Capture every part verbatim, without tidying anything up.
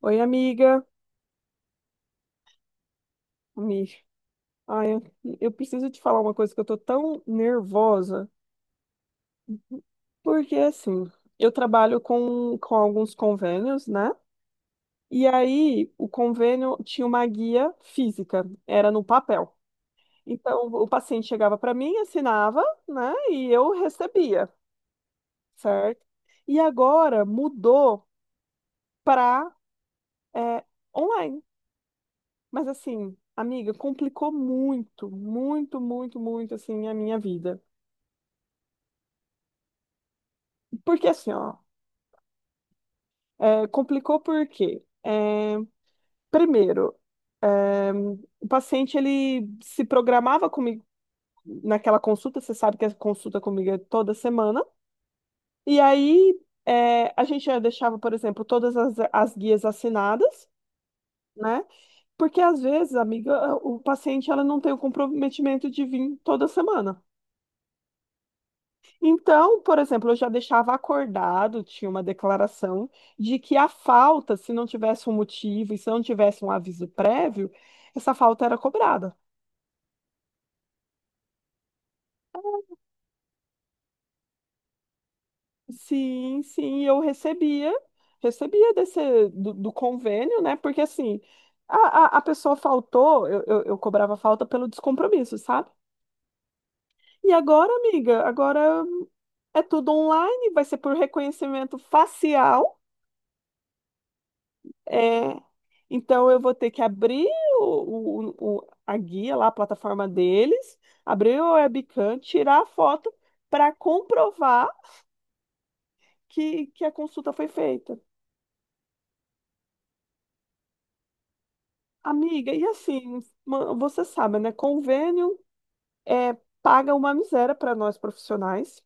Oi, amiga. Ami. Ai, eu, eu preciso te falar uma coisa que eu tô tão nervosa, porque assim, eu trabalho com, com alguns convênios, né? E aí, o convênio tinha uma guia física, era no papel. Então, o paciente chegava para mim, assinava, né? E eu recebia, certo? E agora mudou para online. Mas assim, amiga, complicou muito, muito, muito, muito assim a minha vida. Porque assim, ó, É, complicou por quê? É, primeiro, é, o paciente ele se programava comigo naquela consulta, você sabe que a consulta comigo é toda semana, e aí é, a gente já deixava, por exemplo, todas as, as guias assinadas, né? Porque às vezes, amiga, o paciente ela não tem o comprometimento de vir toda semana. Então, por exemplo, eu já deixava acordado, tinha uma declaração de que a falta, se não tivesse um motivo e se não tivesse um aviso prévio, essa falta era cobrada. Sim, sim, eu recebia, recebia desse, do, do convênio, né? Porque assim, a, a, a pessoa faltou, eu, eu, eu cobrava falta pelo descompromisso, sabe? E agora, amiga, agora é tudo online, vai ser por reconhecimento facial. É, então eu vou ter que abrir o, o- o- a guia lá, a plataforma deles, abrir o webcam, tirar a foto para comprovar que, que a consulta foi feita. Amiga, e assim, ma- você sabe, né? Convênio é, paga uma miséria para nós profissionais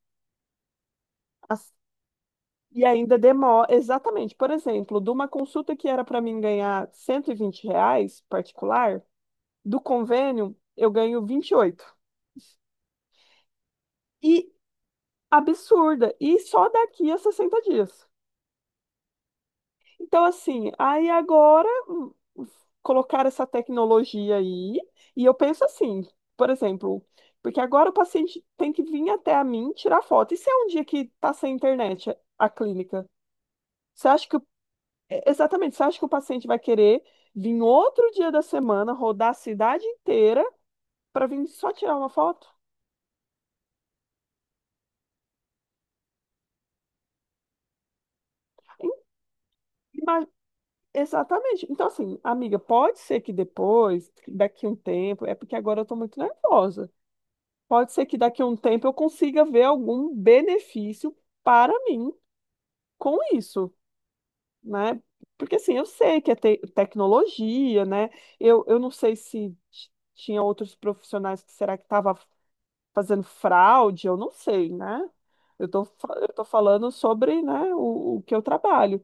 as- e ainda demora. Exatamente, por exemplo, de uma consulta que era para mim ganhar cento e vinte reais particular, do convênio eu ganho vinte e oito. Absurda. E só daqui a sessenta dias. Então, assim, aí agora hum, colocar essa tecnologia aí, e eu penso assim, por exemplo, porque agora o paciente tem que vir até a mim tirar foto. E se é um dia que tá sem internet a a clínica? Você acha que, o- é, exatamente, você acha que o paciente vai querer vir outro dia da semana, rodar a cidade inteira para vir só tirar uma foto? Exatamente. Então, assim, amiga, pode ser que depois, daqui um tempo, é porque agora eu estou muito nervosa. Pode ser que daqui a um tempo eu consiga ver algum benefício para mim com isso, né? Porque, assim, eu sei que é te- tecnologia, né? Eu, eu não sei se t- tinha outros profissionais que será que estava fazendo fraude, eu não sei, né? Eu tô, fa- eu tô falando sobre, né, o, o que eu trabalho.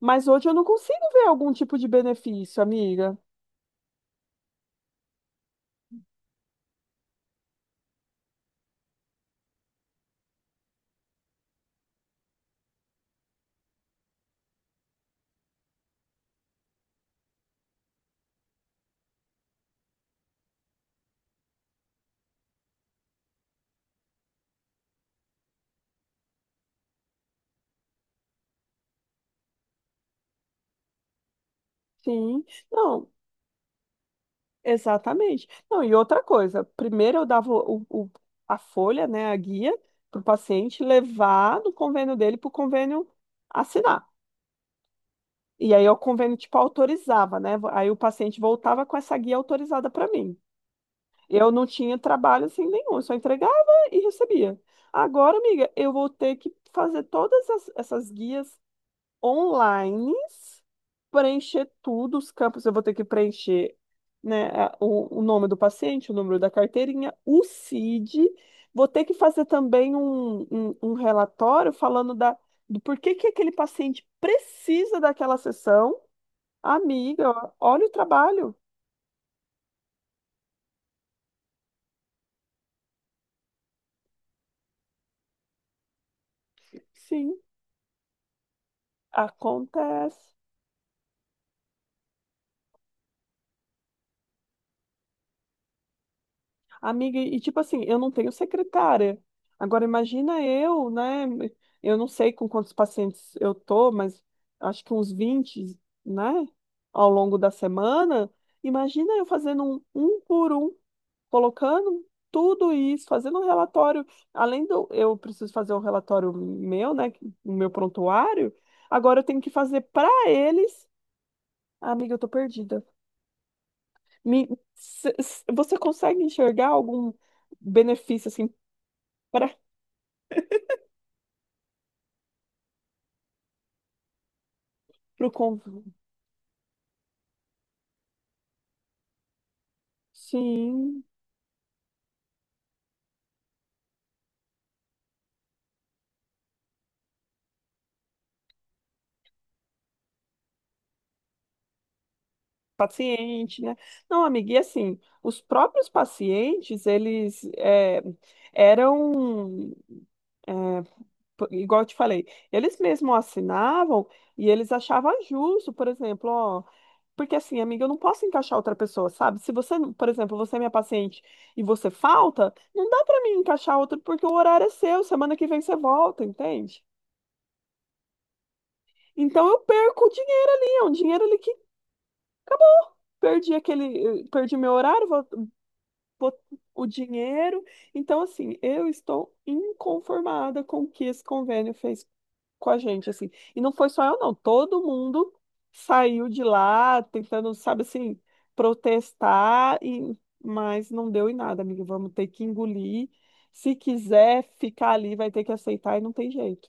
Mas hoje eu não consigo ver algum tipo de benefício, amiga. Sim, não, exatamente. Não, e outra coisa, primeiro eu dava o, o- a folha, né, a guia, para o paciente levar do convênio dele para o convênio assinar. E aí o convênio, tipo, autorizava, né? Aí o paciente voltava com essa guia autorizada para mim. Eu não tinha trabalho assim nenhum, eu só entregava e recebia. Agora, amiga, eu vou ter que fazer todas as- essas guias online, preencher tudo, os campos eu vou ter que preencher, né, a- o, o nome do paciente, o número da carteirinha, o C I D, vou ter que fazer também um, um, um relatório falando da, do porquê que aquele paciente precisa daquela sessão. Amiga, olha o trabalho. Sim, acontece. Amiga, e tipo assim, eu não tenho secretária. Agora imagina eu, né? Eu não sei com quantos pacientes eu tô, mas acho que uns vinte, né? Ao longo da semana. Imagina eu fazendo um, um por um, colocando tudo isso, fazendo um relatório. Além do eu preciso fazer o relatório meu, né? O meu prontuário. Agora eu tenho que fazer para eles. Amiga, eu tô perdida. Me, se- se- você consegue enxergar algum benefício assim? Para o convívio. Sim, paciente, né? Não, amiga, e assim, os próprios pacientes, eles é, eram, é, p- igual eu te falei, eles mesmos assinavam e eles achavam justo, por exemplo, ó, porque assim, amiga, eu não posso encaixar outra pessoa, sabe? Se você, por exemplo, você é minha paciente e você falta, não dá para mim encaixar outro porque o horário é seu, semana que vem você volta, entende? Então eu perco o dinheiro ali, é um dinheiro ali que perdi aquele, perdi meu horário, vou, vou- o dinheiro. Então, assim, eu estou inconformada com o que esse convênio fez com a gente, assim. E não foi só eu, não. Todo mundo saiu de lá tentando, sabe assim, protestar, e, mas não deu em nada, amiga. Vamos ter que engolir. Se quiser ficar ali, vai ter que aceitar e não tem jeito.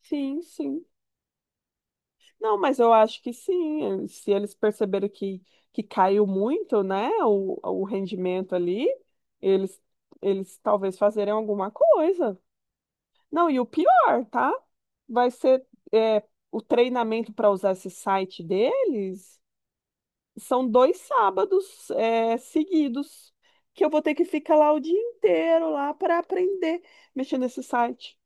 Sim, sim. Não, mas eu acho que sim. eh, Se eles perceberam que, que caiu muito, né, o, o rendimento ali, eles, eles talvez fazerem alguma coisa. Não, e o pior, tá? Vai ser é, o treinamento para usar esse site deles. São dois sábados é, seguidos que eu vou ter que ficar lá o dia inteiro lá para aprender mexendo nesse site.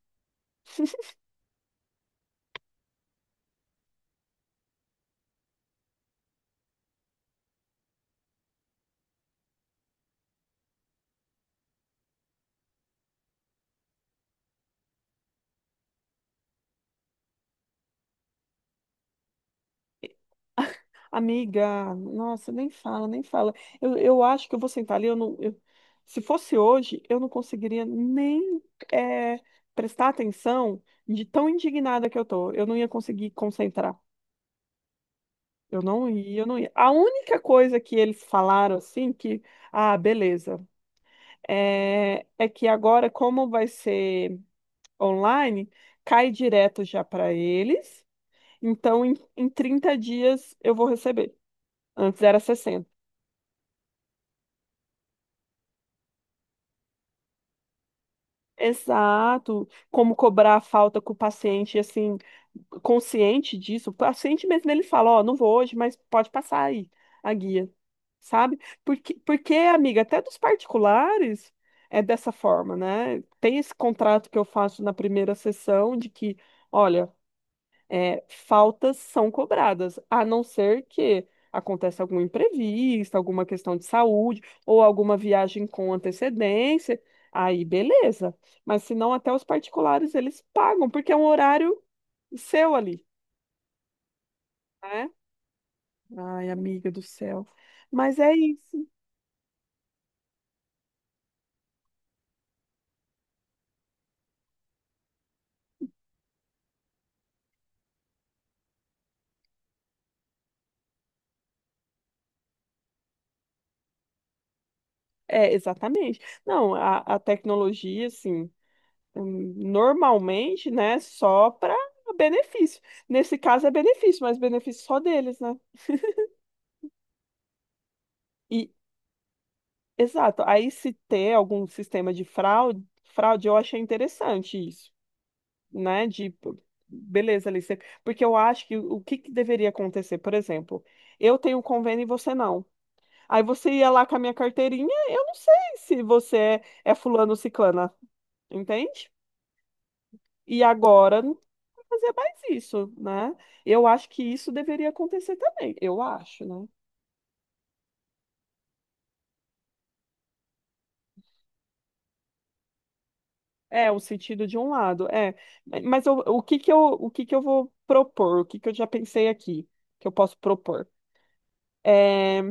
Amiga, nossa, nem fala, nem fala. Eu, eu acho que eu vou sentar ali. Eu não, eu- se fosse hoje, eu não conseguiria nem é, prestar atenção de tão indignada que eu tô. Eu não ia conseguir concentrar. Eu não ia, eu não ia. A única coisa que eles falaram assim que, ah, beleza, é, é que agora como vai ser online, cai direto já para eles. Então em, em trinta dias eu vou receber. Antes era sessenta. Exato. Como cobrar a falta com o paciente, assim, consciente disso. O paciente mesmo, ele fala, ó, não vou hoje, mas pode passar aí a guia, sabe? Porque, porque, amiga, até dos particulares é dessa forma, né? Tem esse contrato que eu faço na primeira sessão de que, olha, é, faltas são cobradas, a não ser que aconteça algum imprevisto, alguma questão de saúde ou alguma viagem com antecedência, aí beleza. Mas se não, até os particulares eles pagam, porque é um horário seu ali, né? Ai, amiga do céu. Mas é isso. É, exatamente. Não, a, a tecnologia, assim, hum, normalmente, né, só para benefício. Nesse caso é benefício, mas benefício só deles, né? E, exato, aí se ter algum sistema de fraude, fraude, eu achei interessante isso, né? De, beleza, ali, você- porque eu acho que o que que deveria acontecer, por exemplo, eu tenho um convênio e você não. Aí você ia lá com a minha carteirinha, eu não sei se você é, é fulano ou ciclana, entende? E agora não vai fazer mais isso, né? Eu acho que isso deveria acontecer também, eu acho, né? É, o sentido de um lado, é. Mas eu- o que que eu, o que que eu vou propor? O que que eu já pensei aqui que eu posso propor? É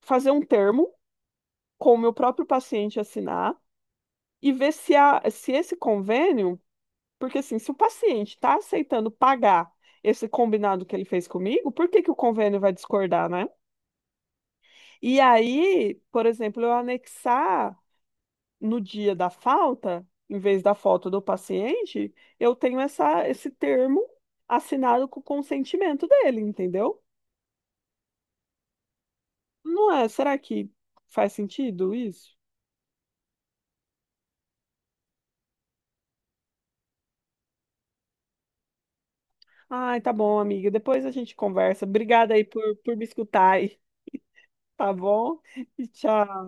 fazer um termo com o meu próprio paciente assinar e ver se, a, se esse convênio, porque assim, se o paciente está aceitando pagar esse combinado que ele fez comigo, por que que o convênio vai discordar, né? E aí, por exemplo, eu anexar no dia da falta, em vez da foto do paciente, eu tenho essa, esse termo assinado com o consentimento dele, entendeu? Não é? Será que faz sentido isso? Ai, tá bom, amiga. Depois a gente conversa. Obrigada aí por, por me escutar aí, tá bom? E tchau.